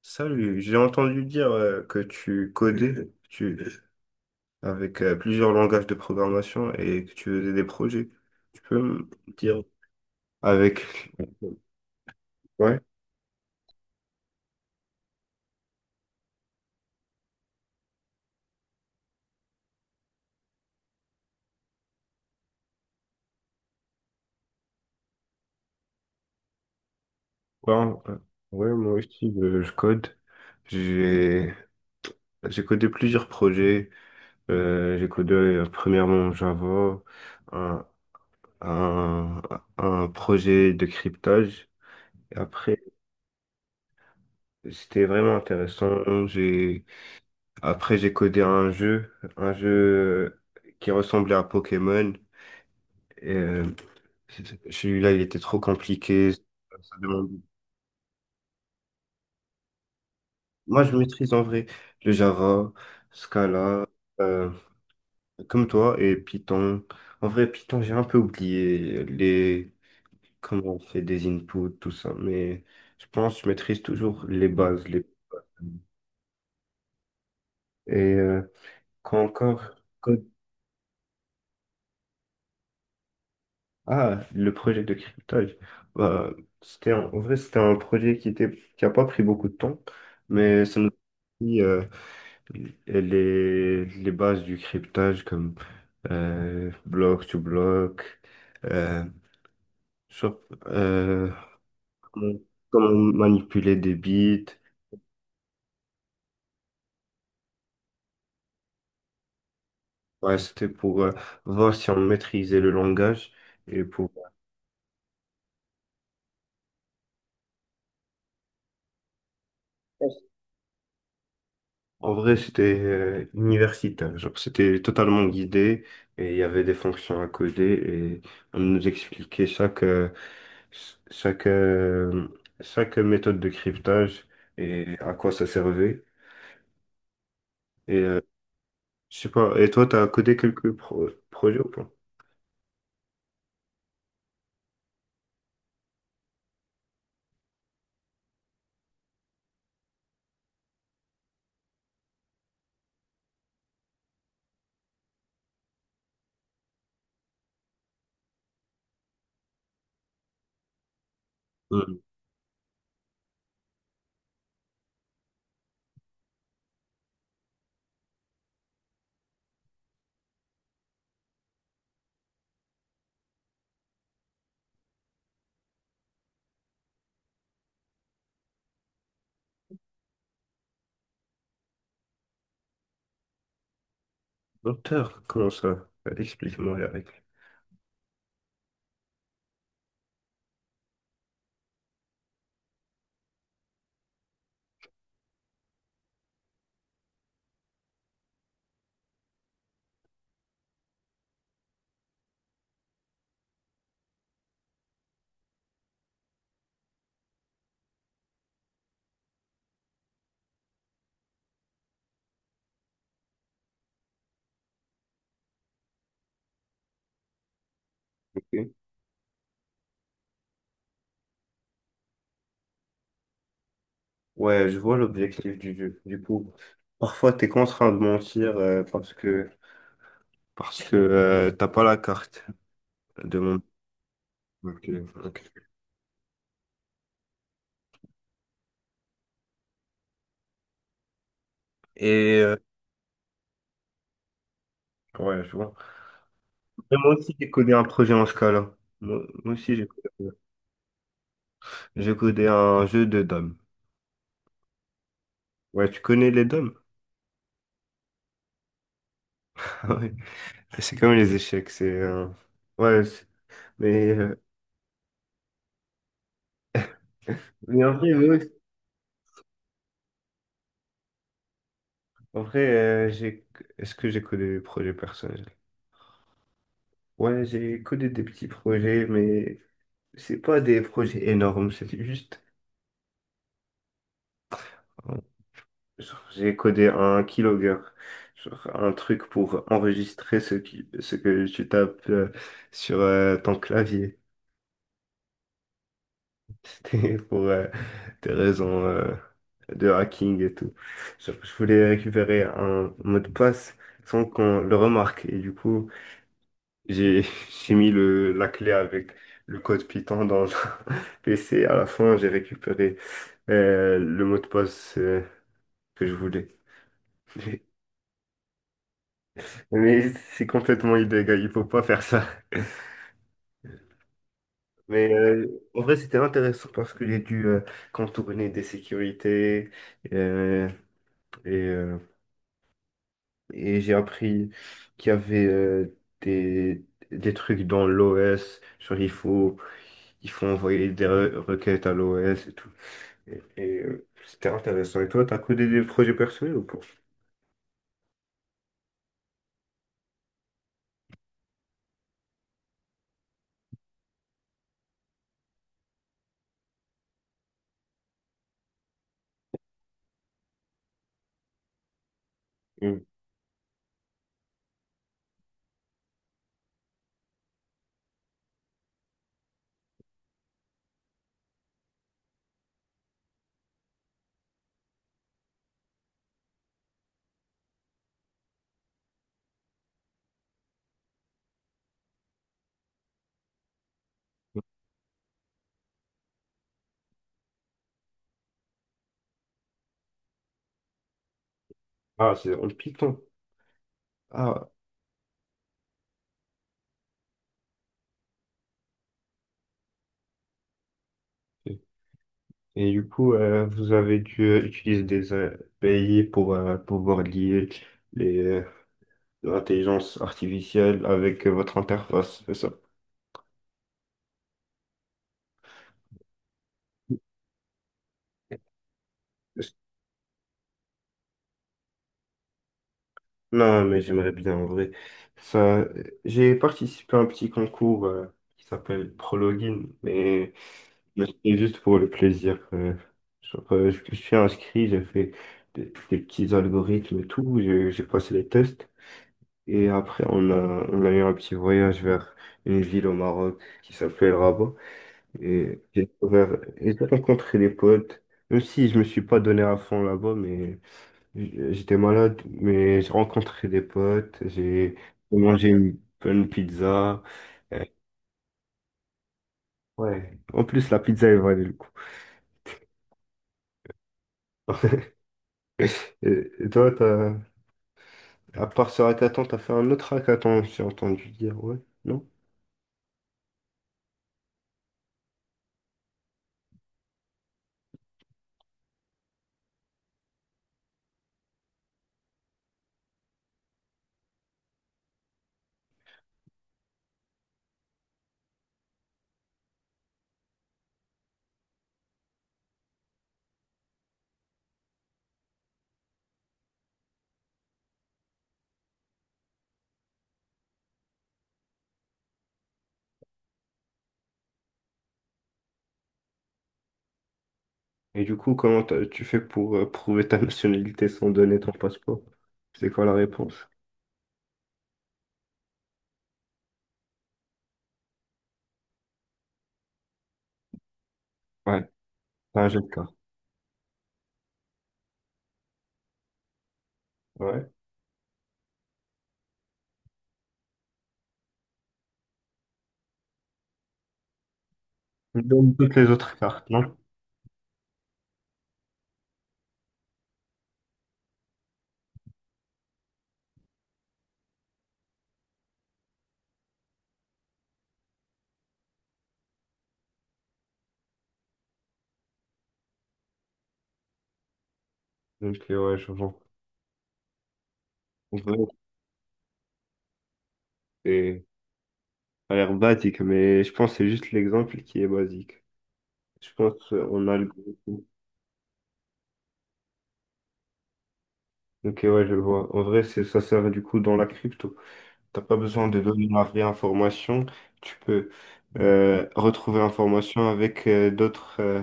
Salut, j'ai entendu dire que tu codais avec plusieurs langages de programmation et que tu faisais des projets. Tu peux me dire avec... Ouais, ouais, ouais, moi aussi je code. J'ai j'ai codé plusieurs projets. J'ai codé premièrement Java, un, un, un projet de cryptage. Après, c'était vraiment intéressant. J'ai Après, j'ai codé un jeu qui ressemblait à Pokémon. Et celui-là, il était trop compliqué. Demande- Moi, je maîtrise en vrai le Java, Scala, euh, comme toi, et Python. En vrai, Python, j'ai un peu oublié les comment on fait des inputs, tout ça. Mais je pense que je maîtrise toujours les bases. Les... Et quoi encore? Ah, le projet de cryptage. Bah, en vrai, c'était un projet qui a pas pris beaucoup de temps, mais ça nous a appris les bases du cryptage comme bloc to bloc, euh, sur- euh, comment, comment manipuler des bits. Ouais, c'était pour voir si on maîtrisait le langage et pour en vrai, c'était universitaire. Genre, c'était totalement guidé et il y avait des fonctions à coder et on nous expliquait chaque, chaque méthode de cryptage et à quoi ça servait. Et je sais pas, et toi, t'as codé quelques projets ou pas? Hum, Docteur, comment ça? Explique-moi les règles. Ok. Ouais, je vois l'objectif du jeu. Du coup, parfois, t'es contraint de mentir parce que t'as pas la carte de ok, ok. Et ouais, je vois. Mais moi aussi, j'ai codé un projet en Scala. Moi, moi aussi, j'ai codé un jeu de dames. Ouais, tu connais les dames? Ah ouais. C'est comme les échecs, c'est... ouais, mais, euh, mais en vrai, ouais, en vrai j'ai... Est-ce que j'ai codé des projets personnels? Ouais, j'ai codé des petits projets, mais c'est pas des projets énormes, c'est juste... Genre, j'ai codé un keylogger, genre un truc pour enregistrer ce que tu tapes sur ton clavier. C'était pour des raisons de hacking et tout. Genre, je voulais récupérer un mot de passe sans qu'on le remarque. Et du coup, j'ai j'ai mis la clé avec le code Python dans le PC. À la fin, j'ai récupéré le mot de passe que je voulais. Mais c'est complètement illégal, il faut pas faire ça. Mais en vrai, c'était intéressant parce que j'ai dû contourner des sécurités euh, et, euh, et j'ai appris qu'il y avait des, des trucs dans l'OS. Genre, il faut envoyer des requêtes à l'OS et tout. C'était intéressant. Et toi, t'as codé des projets personnels ou pas? Hmm. Ah, c'est en Python. Ah, et, et du coup, vous avez dû utiliser des API pour pouvoir lier les. De l'intelligence artificielle avec votre interface, c'est ça? Non, mais j'aimerais bien en vrai. Ça, j'ai participé à un petit concours qui s'appelle Prologin, mais c'était juste pour le plaisir. Je me suis inscrit, j'ai fait des petits algorithmes et tout, j'ai passé les tests. Et après, on a eu un petit voyage vers une ville au Maroc qui s'appelle Rabat. Et j'ai découvert, j'ai rencontré des potes, même si je me suis pas donné à fond là-bas, mais j'étais malade, mais j'ai rencontré des potes, j'ai mangé une bonne pizza. Euh, Ouais. En plus, la pizza, elle valait le coup. Et et toi, à part ce hackathon, t'as fait un autre hackathon, j'ai entendu dire, ouais, non? Et du coup, tu fais pour prouver ta nationalité sans donner ton passeport? C'est quoi la réponse? Ouais, t'as un jeu de cartes. Ouais. Il donne toutes les autres cartes, non? Donc, ouais, je vois. En vrai, c'est- ça a l'air basique, mais je pense que c'est juste l'exemple qui est basique. Je pense qu'on a le gros. Ok, ouais, je vois. En vrai, c'est ça sert du coup dans la crypto. T'as pas besoin de donner la vraie information. Tu peux retrouver l'information avec d'autres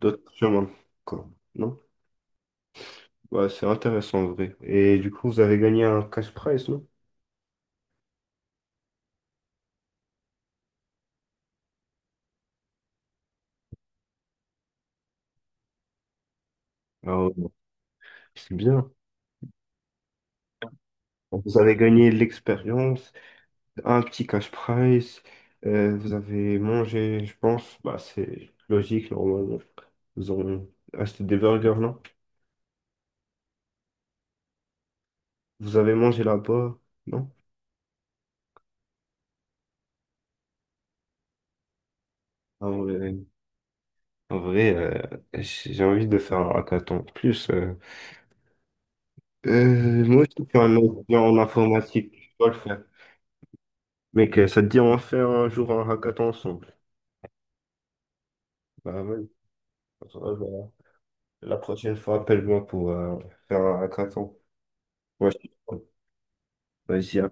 d'autres chemins, quoi. Non? Ouais, c'est intéressant en vrai. Et du coup, vous avez gagné un cash prize, non? Ah ouais, c'est bien. Vous avez gagné l'expérience, un petit cash prize. Vous avez mangé, je pense, bah, c'est logique, normalement. Vous avez acheté des burgers, non? Vous avez mangé là-bas, non? En vrai, en vrai, j'ai envie de faire un hackathon. En plus, moi, je suis un étudiant en informatique, je dois le faire. Mec, ça te dit, on va faire un jour un hackathon ensemble. Bah ouais, ça va. La prochaine fois, appelle-moi pour faire un hackathon. Ouais, je suis chaud. Vas-y, à